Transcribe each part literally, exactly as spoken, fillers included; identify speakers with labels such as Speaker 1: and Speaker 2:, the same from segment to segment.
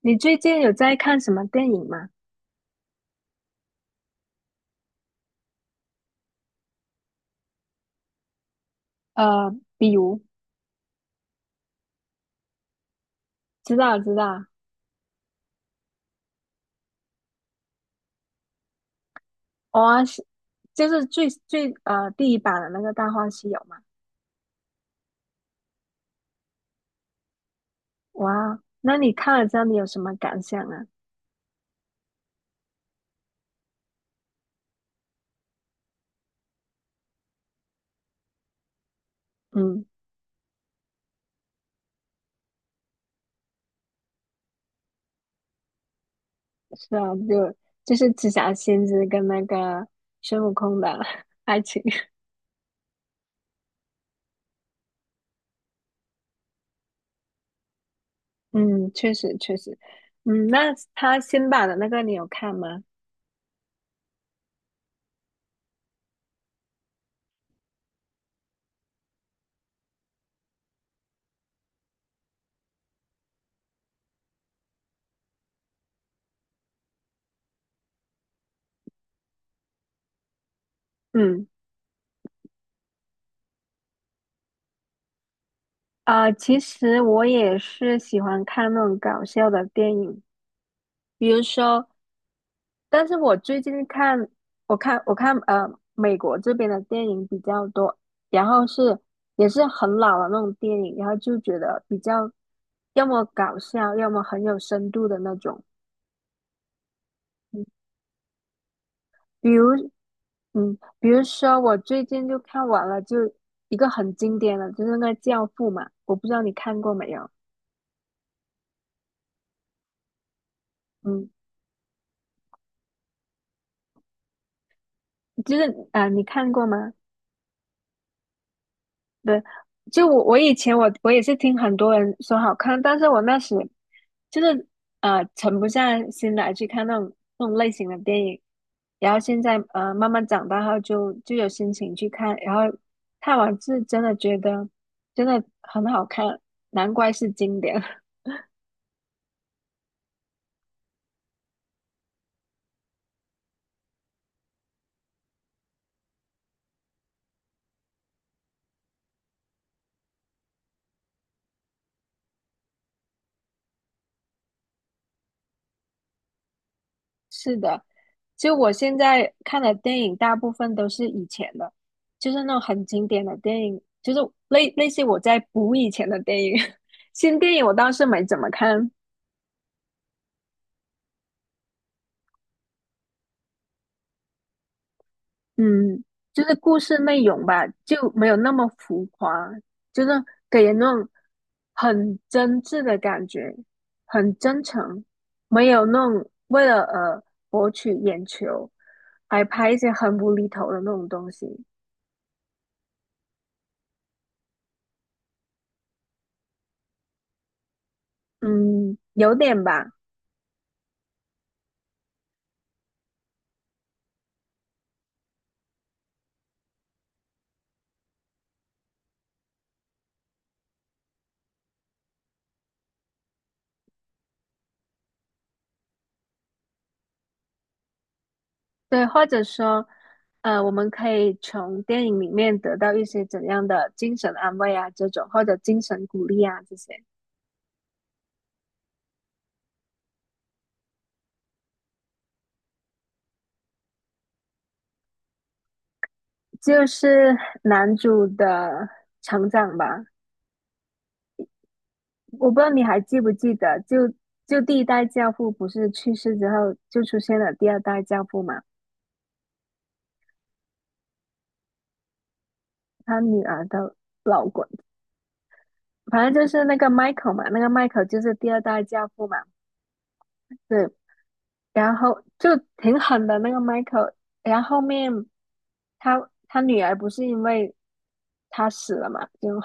Speaker 1: 你最近有在看什么电影吗？呃，比如，知道知道，哇、是就是最最呃第一版的那个《大话西游》嘛。哇，那你看了之后你有什么感想啊？嗯，是啊，就就是紫霞仙子跟那个孙悟空的 爱情。嗯，确实确实。嗯，那他新版的那个你有看吗？嗯，啊、其实我也是喜欢看那种搞笑的电影，比如说。但是我最近看，我看我看呃，美国这边的电影比较多，然后是也是很老的那种电影，然后就觉得比较要么搞笑，要么很有深度的那种。比如，嗯，比如说我最近就看完了，就一个很经典的，就是那个《教父》嘛，我不知道你看过没有？嗯，就是啊、呃你看过吗？对，就我我以前我我也是听很多人说好看，但是我那时就是呃沉不下心来去看那种那种类型的电影，然后现在呃慢慢长大后就就有心情去看，然后看完是真的觉得真的很好看，难怪是经典。是的，就我现在看的电影，大部分都是以前的，就是那种很经典的电影，就是类类似于我在补以前的电影。新电影我倒是没怎么看，嗯，就是故事内容吧，就没有那么浮夸，就是给人那种很真挚的感觉，很真诚，没有那种为了呃博取眼球，还拍一些很无厘头的那种东西，嗯，有点吧。对，或者说，呃，我们可以从电影里面得到一些怎样的精神安慰啊，这种或者精神鼓励啊，这些就是男主的成长吧。我不知道你还记不记得，就就第一代教父不是去世之后，就出现了第二代教父嘛，他女儿的老公，反正就是那个 Michael 嘛，那个 Michael 就是第二代教父嘛，对，然后就挺狠的那个 Michael，然后后面。他他女儿不是因为他死了嘛，就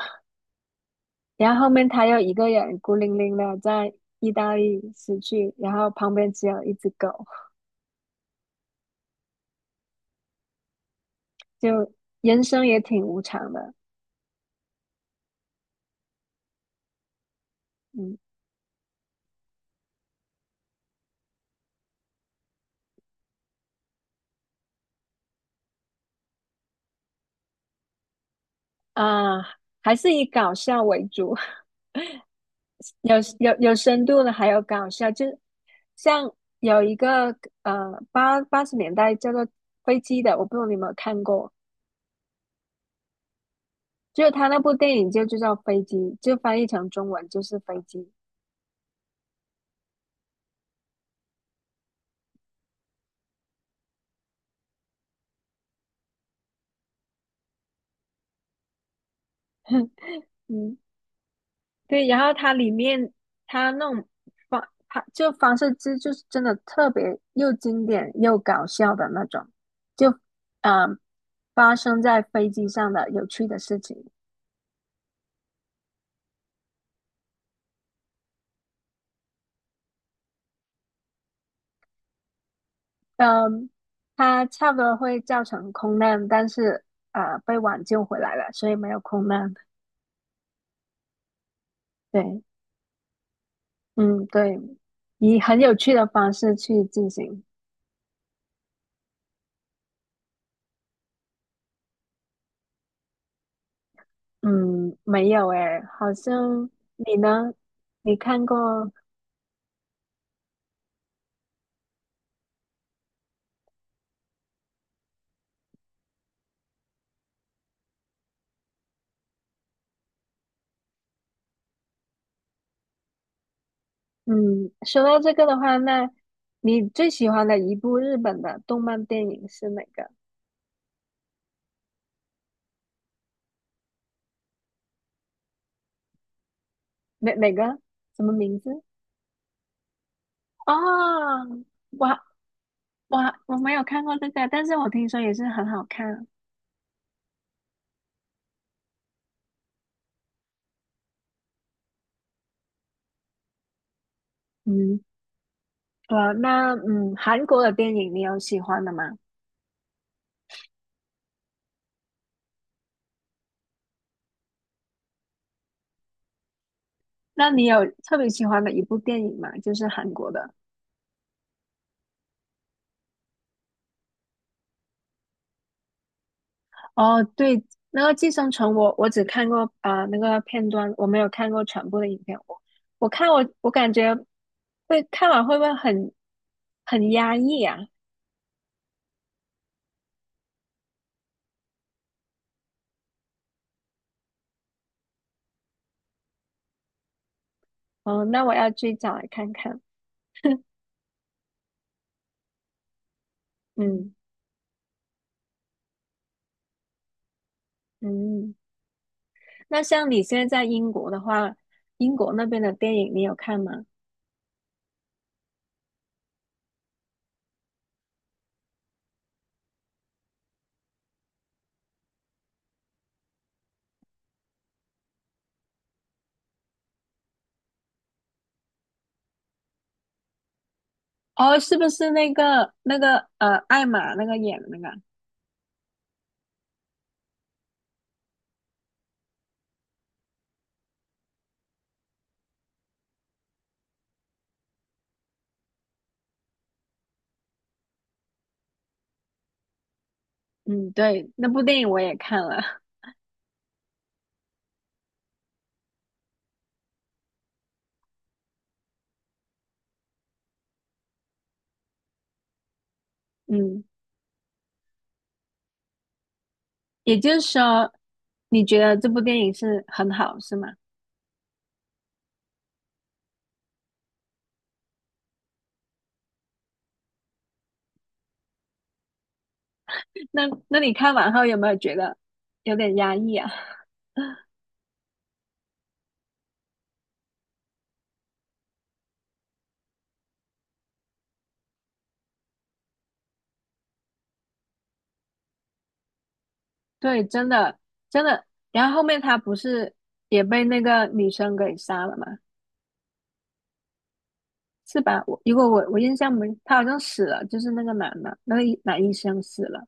Speaker 1: 然后后面他又一个人孤零零的在意大利死去，然后旁边只有一只狗，就人生也挺无常的，嗯啊，还是以搞笑为主，有有有深度的，还有搞笑，就像有一个呃八八十年代叫做《飞机》的，我不知道你有没有看过，就是他那部电影就就叫《飞机》，就翻译成中文就是《飞机》，嗯。对，然后它里面它那种方它就方式机就是真的特别又经典又搞笑的那种，就嗯、呃发生在飞机上的有趣的事情，嗯、它差不多会造成空难，但是呃被挽救回来了，所以没有空难。对，嗯对，以很有趣的方式去进行。嗯，没有诶，好像你呢？你看过？嗯，说到这个的话，那你最喜欢的一部日本的动漫电影是哪个？哪哪个？什么名字？哦，我我我没有看过这个，但是我听说也是很好看。嗯，呃，那嗯，韩国的电影你有喜欢的吗？那你有特别喜欢的一部电影吗？就是韩国的。哦，对，那个《寄生虫》我，我只看过啊、呃那个片段，我没有看过全部的影片。我我看我我感觉会看完会不会很很压抑啊？哦，那我要去找来看看。嗯嗯，那像你现在在英国的话，英国那边的电影你有看吗？哦，是不是那个那个呃，艾玛那个演的那个？嗯，对，那部电影我也看了。嗯，也就是说，你觉得这部电影是很好，是吗？那那你看完后有没有觉得有点压抑啊？对，真的真的。然后后面他不是也被那个女生给杀了吗？是吧？我如果我我印象没，他好像死了，就是那个男的，那个医男医生死了。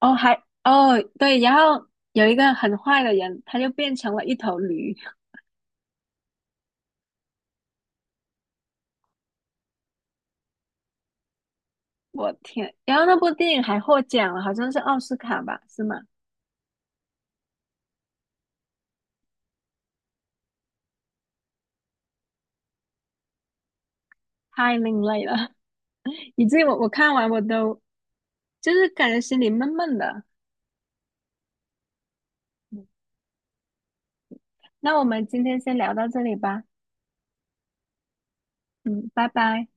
Speaker 1: 哦，还哦对，然后有一个很坏的人，他就变成了一头驴。我天！然后那部电影还获奖了，好像是奥斯卡吧？是吗？太另类了，以至于我我看完我都就是感觉心里闷闷的。那我们今天先聊到这里吧，嗯，拜拜。